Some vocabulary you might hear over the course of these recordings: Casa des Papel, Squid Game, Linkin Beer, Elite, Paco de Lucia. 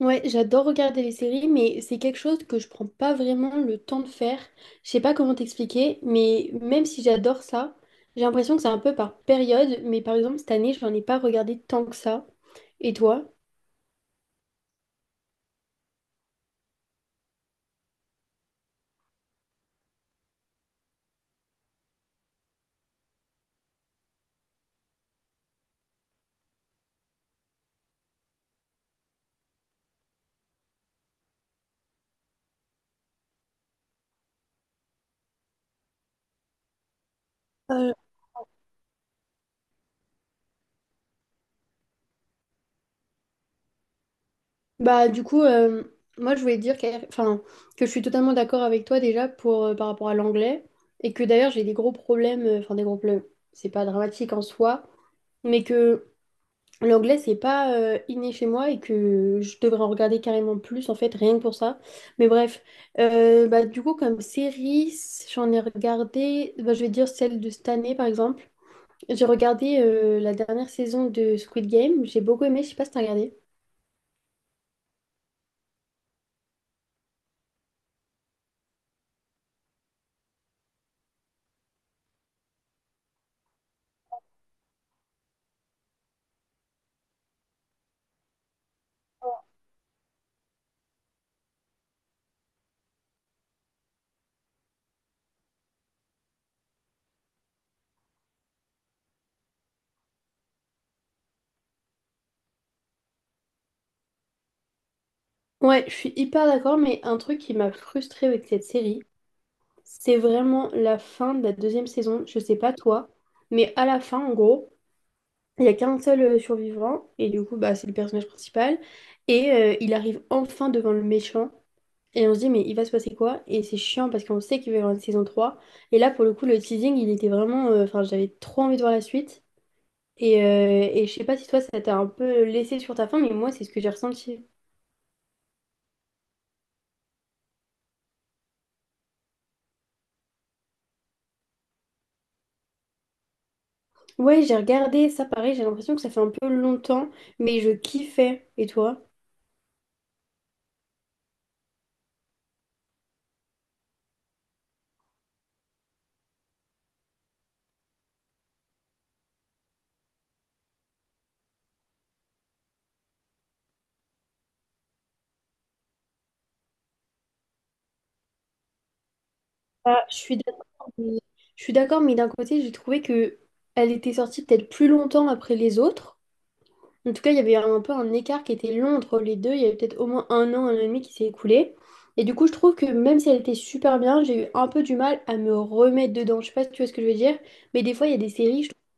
Ouais, j'adore regarder les séries, mais c'est quelque chose que je prends pas vraiment le temps de faire. Je sais pas comment t'expliquer, mais même si j'adore ça, j'ai l'impression que c'est un peu par période. Mais par exemple, cette année, je n'en ai pas regardé tant que ça. Et toi? Euh, Bah, du coup, moi, je voulais dire que, enfin, que je suis totalement d'accord avec toi déjà pour, par rapport à l'anglais. Et que d'ailleurs, j'ai des gros problèmes, enfin, des gros problèmes, c'est pas dramatique en soi, mais que. L'anglais, c'est pas inné chez moi et que je devrais en regarder carrément plus, en fait, rien que pour ça. Mais bref, bah, du coup, comme série, j'en ai regardé, bah, je vais dire celle de cette année, par exemple. J'ai regardé la dernière saison de Squid Game, j'ai beaucoup aimé, je sais pas si t'as regardé. Ouais, je suis hyper d'accord, mais un truc qui m'a frustrée avec cette série, c'est vraiment la fin de la deuxième saison, je sais pas toi, mais à la fin, en gros. Il y a qu'un seul survivant, et du coup, bah, c'est le personnage principal. Et il arrive enfin devant le méchant, et on se dit, mais il va se passer quoi? Et c'est chiant parce qu'on sait qu'il va y avoir une saison trois. Et là, pour le coup, le teasing, il était vraiment. Enfin, j'avais trop envie de voir la suite. Et je sais pas si toi, ça t'a un peu laissé sur ta faim, mais moi, c'est ce que j'ai ressenti. Ouais, j'ai regardé ça, pareil, j'ai l'impression que ça fait un peu longtemps, mais je kiffais. Et toi? Ah, je suis d'accord, mais, je suis d'accord, mais d'un côté, j'ai trouvé que elle était sortie peut-être plus longtemps après les autres. En tout cas, il y avait un peu un écart qui était long entre les deux. Il y avait peut-être au moins un an et demi qui s'est écoulé. Et du coup, je trouve que même si elle était super bien, j'ai eu un peu du mal à me remettre dedans. Je sais pas si tu vois ce que je veux dire, mais des fois, il y a des séries, je trouve,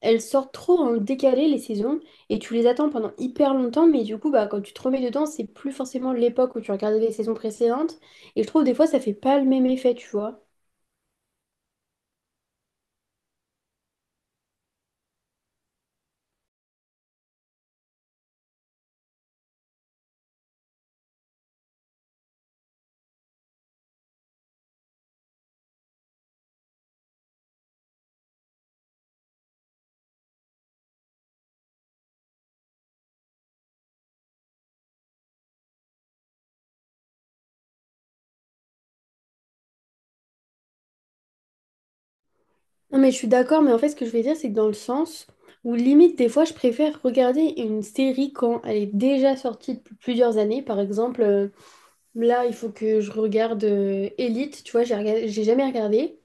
elles sortent trop en décalé les saisons et tu les attends pendant hyper longtemps. Mais du coup, bah, quand tu te remets dedans, c'est plus forcément l'époque où tu regardais les saisons précédentes. Et je trouve des fois, ça fait pas le même effet, tu vois. Non, mais je suis d'accord, mais en fait, ce que je vais dire, c'est que dans le sens où limite, des fois, je préfère regarder une série quand elle est déjà sortie depuis plusieurs années. Par exemple, là, il faut que je regarde Elite, tu vois, j'ai jamais regardé.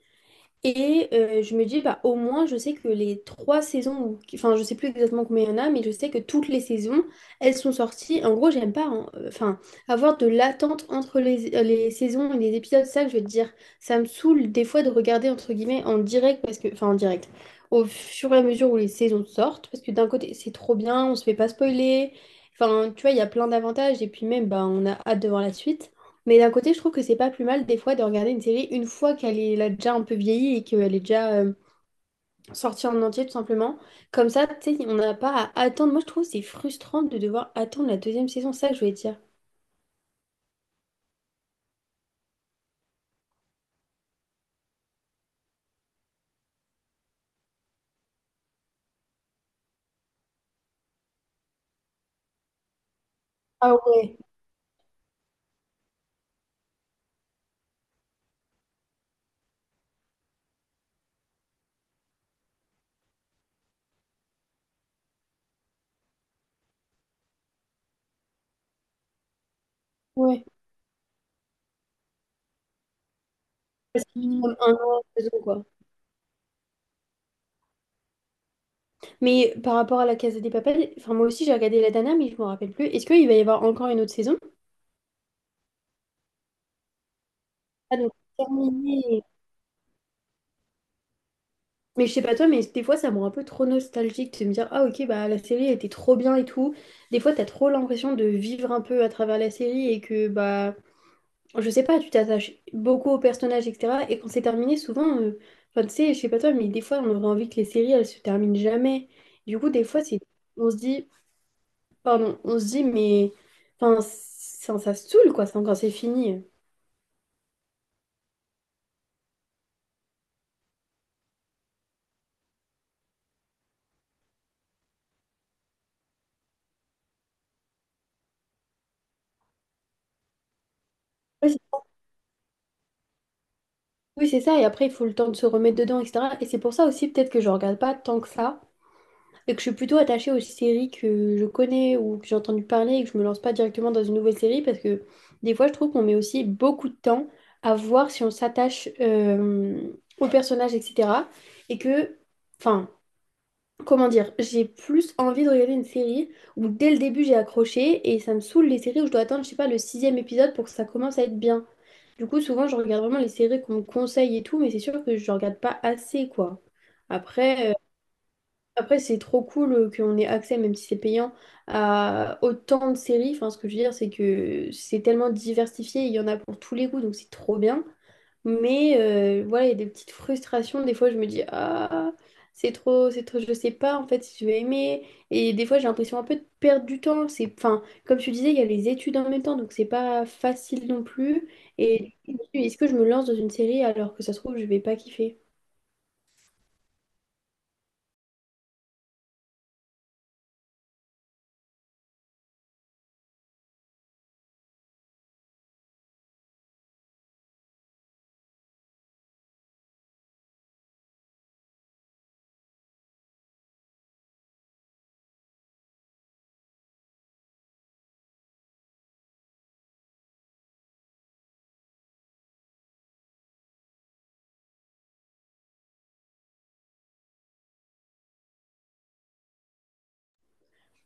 Et je me dis, bah, au moins, je sais que les trois saisons, enfin, je sais plus exactement combien il y en a, mais je sais que toutes les saisons, elles sont sorties. En gros, j'aime pas, hein, enfin, avoir de l'attente entre les saisons et les épisodes, c'est ça que je veux te dire. Ça me saoule des fois de regarder, entre guillemets, en direct, parce que, enfin, en direct, au fur et à mesure où les saisons sortent, parce que d'un côté, c'est trop bien, on se fait pas spoiler. Enfin, tu vois, il y a plein d'avantages, et puis même, bah, on a hâte de voir la suite. Mais d'un côté, je trouve que c'est pas plus mal des fois de regarder une série une fois qu'elle est, elle a déjà un peu vieilli et qu'elle est déjà sortie en entier tout simplement. Comme ça, tu sais, on n'a pas à attendre. Moi, je trouve que c'est frustrant de devoir attendre la deuxième saison, c'est ça que je voulais dire. Ah ouais, ouais. Parce qu'il minimum un an, deux ans, quoi. Mais par rapport à la Casa des Papel, enfin moi aussi j'ai regardé la dernière, mais je me rappelle plus. Est-ce qu'il va y avoir encore une autre saison? Ah, donc terminé. Mais je sais pas toi, mais des fois ça me rend un peu trop nostalgique de me dire ah ok bah la série elle était trop bien et tout. Des fois t'as trop l'impression de vivre un peu à travers la série et que bah je sais pas, tu t'attaches beaucoup aux personnages etc. Et quand c'est terminé souvent, enfin tu sais, je sais pas toi, mais des fois on aurait envie que les séries elles se terminent jamais. Du coup des fois c'est on se dit pardon, on se dit mais enfin ça saoule quoi ça, quand c'est fini. Ouais. Oui c'est ça et après il faut le temps de se remettre dedans etc. Et c'est pour ça aussi peut-être que je regarde pas tant que ça. Et que je suis plutôt attachée aux séries que je connais ou que j'ai entendu parler et que je me lance pas directement dans une nouvelle série parce que des fois je trouve qu'on met aussi beaucoup de temps à voir si on s'attache au personnage, etc. Et que, enfin, comment dire, j'ai plus envie de regarder une série où dès le début j'ai accroché et ça me saoule les séries où je dois attendre, je sais pas, le sixième épisode pour que ça commence à être bien. Du coup, souvent je regarde vraiment les séries qu'on me conseille et tout, mais c'est sûr que je regarde pas assez, quoi. Après. euh, après, c'est trop cool qu'on ait accès, même si c'est payant, à autant de séries. Enfin, ce que je veux dire, c'est que c'est tellement diversifié, il y en a pour tous les goûts, donc c'est trop bien. Mais voilà, il y a des petites frustrations. Des fois, je me dis, ah, c'est trop, je sais pas en fait si je vais aimer. Et des fois, j'ai l'impression un peu de perdre du temps. C'est, enfin, comme tu disais, il y a les études en même temps, donc c'est pas facile non plus. Et du coup, je me dis, est-ce que je me lance dans une série alors que ça se trouve, je vais pas kiffer?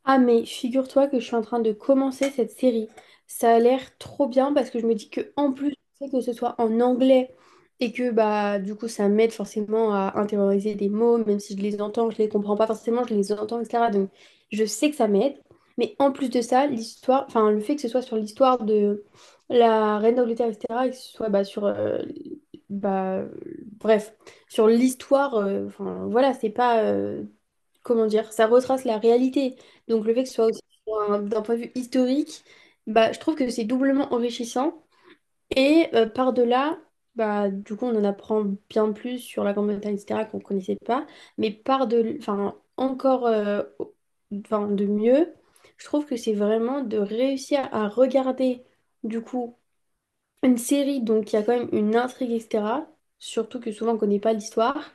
Ah mais figure-toi que je suis en train de commencer cette série. Ça a l'air trop bien parce que je me dis que en plus, tu sais, que ce soit en anglais et que bah du coup ça m'aide forcément à intérioriser des mots, même si je les entends, je les comprends pas forcément, je les entends, etc. Donc je sais que ça m'aide. Mais en plus de ça, l'histoire, enfin le fait que ce soit sur l'histoire de la reine d'Angleterre, etc. Et que ce soit bah, sur bah, bref, sur l'histoire, enfin voilà, c'est pas comment dire, ça retrace la réalité. Donc le fait que ce soit aussi pour d'un point de vue historique, bah, je trouve que c'est doublement enrichissant. Et par-delà, bah, du coup, on en apprend bien plus sur la Grande-Bretagne, etc., qu'on ne connaissait pas. Mais par-delà, enfin, encore enfin, de mieux, je trouve que c'est vraiment de réussir à regarder, du coup, une série, donc il y a quand même une intrigue, etc. Surtout que souvent on connaît pas l'histoire.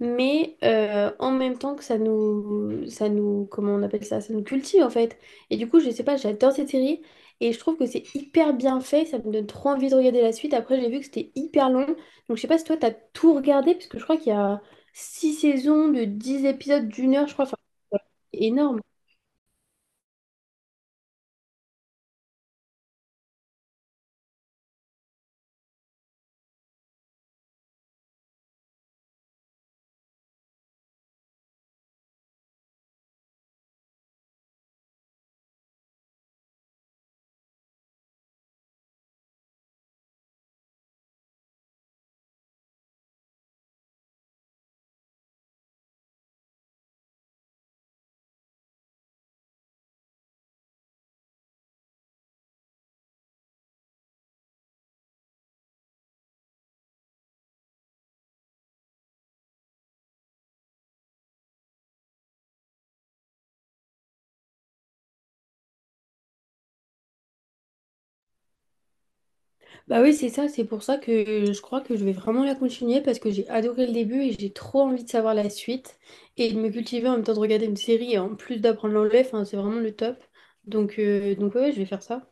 Mais en même temps que ça nous, comment on appelle ça, ça nous cultive en fait. Et du coup, je sais pas, j'adore cette série et je trouve que c'est hyper bien fait. Ça me donne trop envie de regarder la suite. Après, j'ai vu que c'était hyper long. Donc, je sais pas si toi, t'as tout regardé, parce que je crois qu'il y a six saisons de 10 épisodes d'une heure, je crois. Enfin, c'est énorme. Bah oui, c'est ça, c'est pour ça que je crois que je vais vraiment la continuer parce que j'ai adoré le début et j'ai trop envie de savoir la suite et de me cultiver en même temps de regarder une série et en plus d'apprendre l'anglais, enfin, c'est vraiment le top. Donc ouais, ouais, je vais faire ça.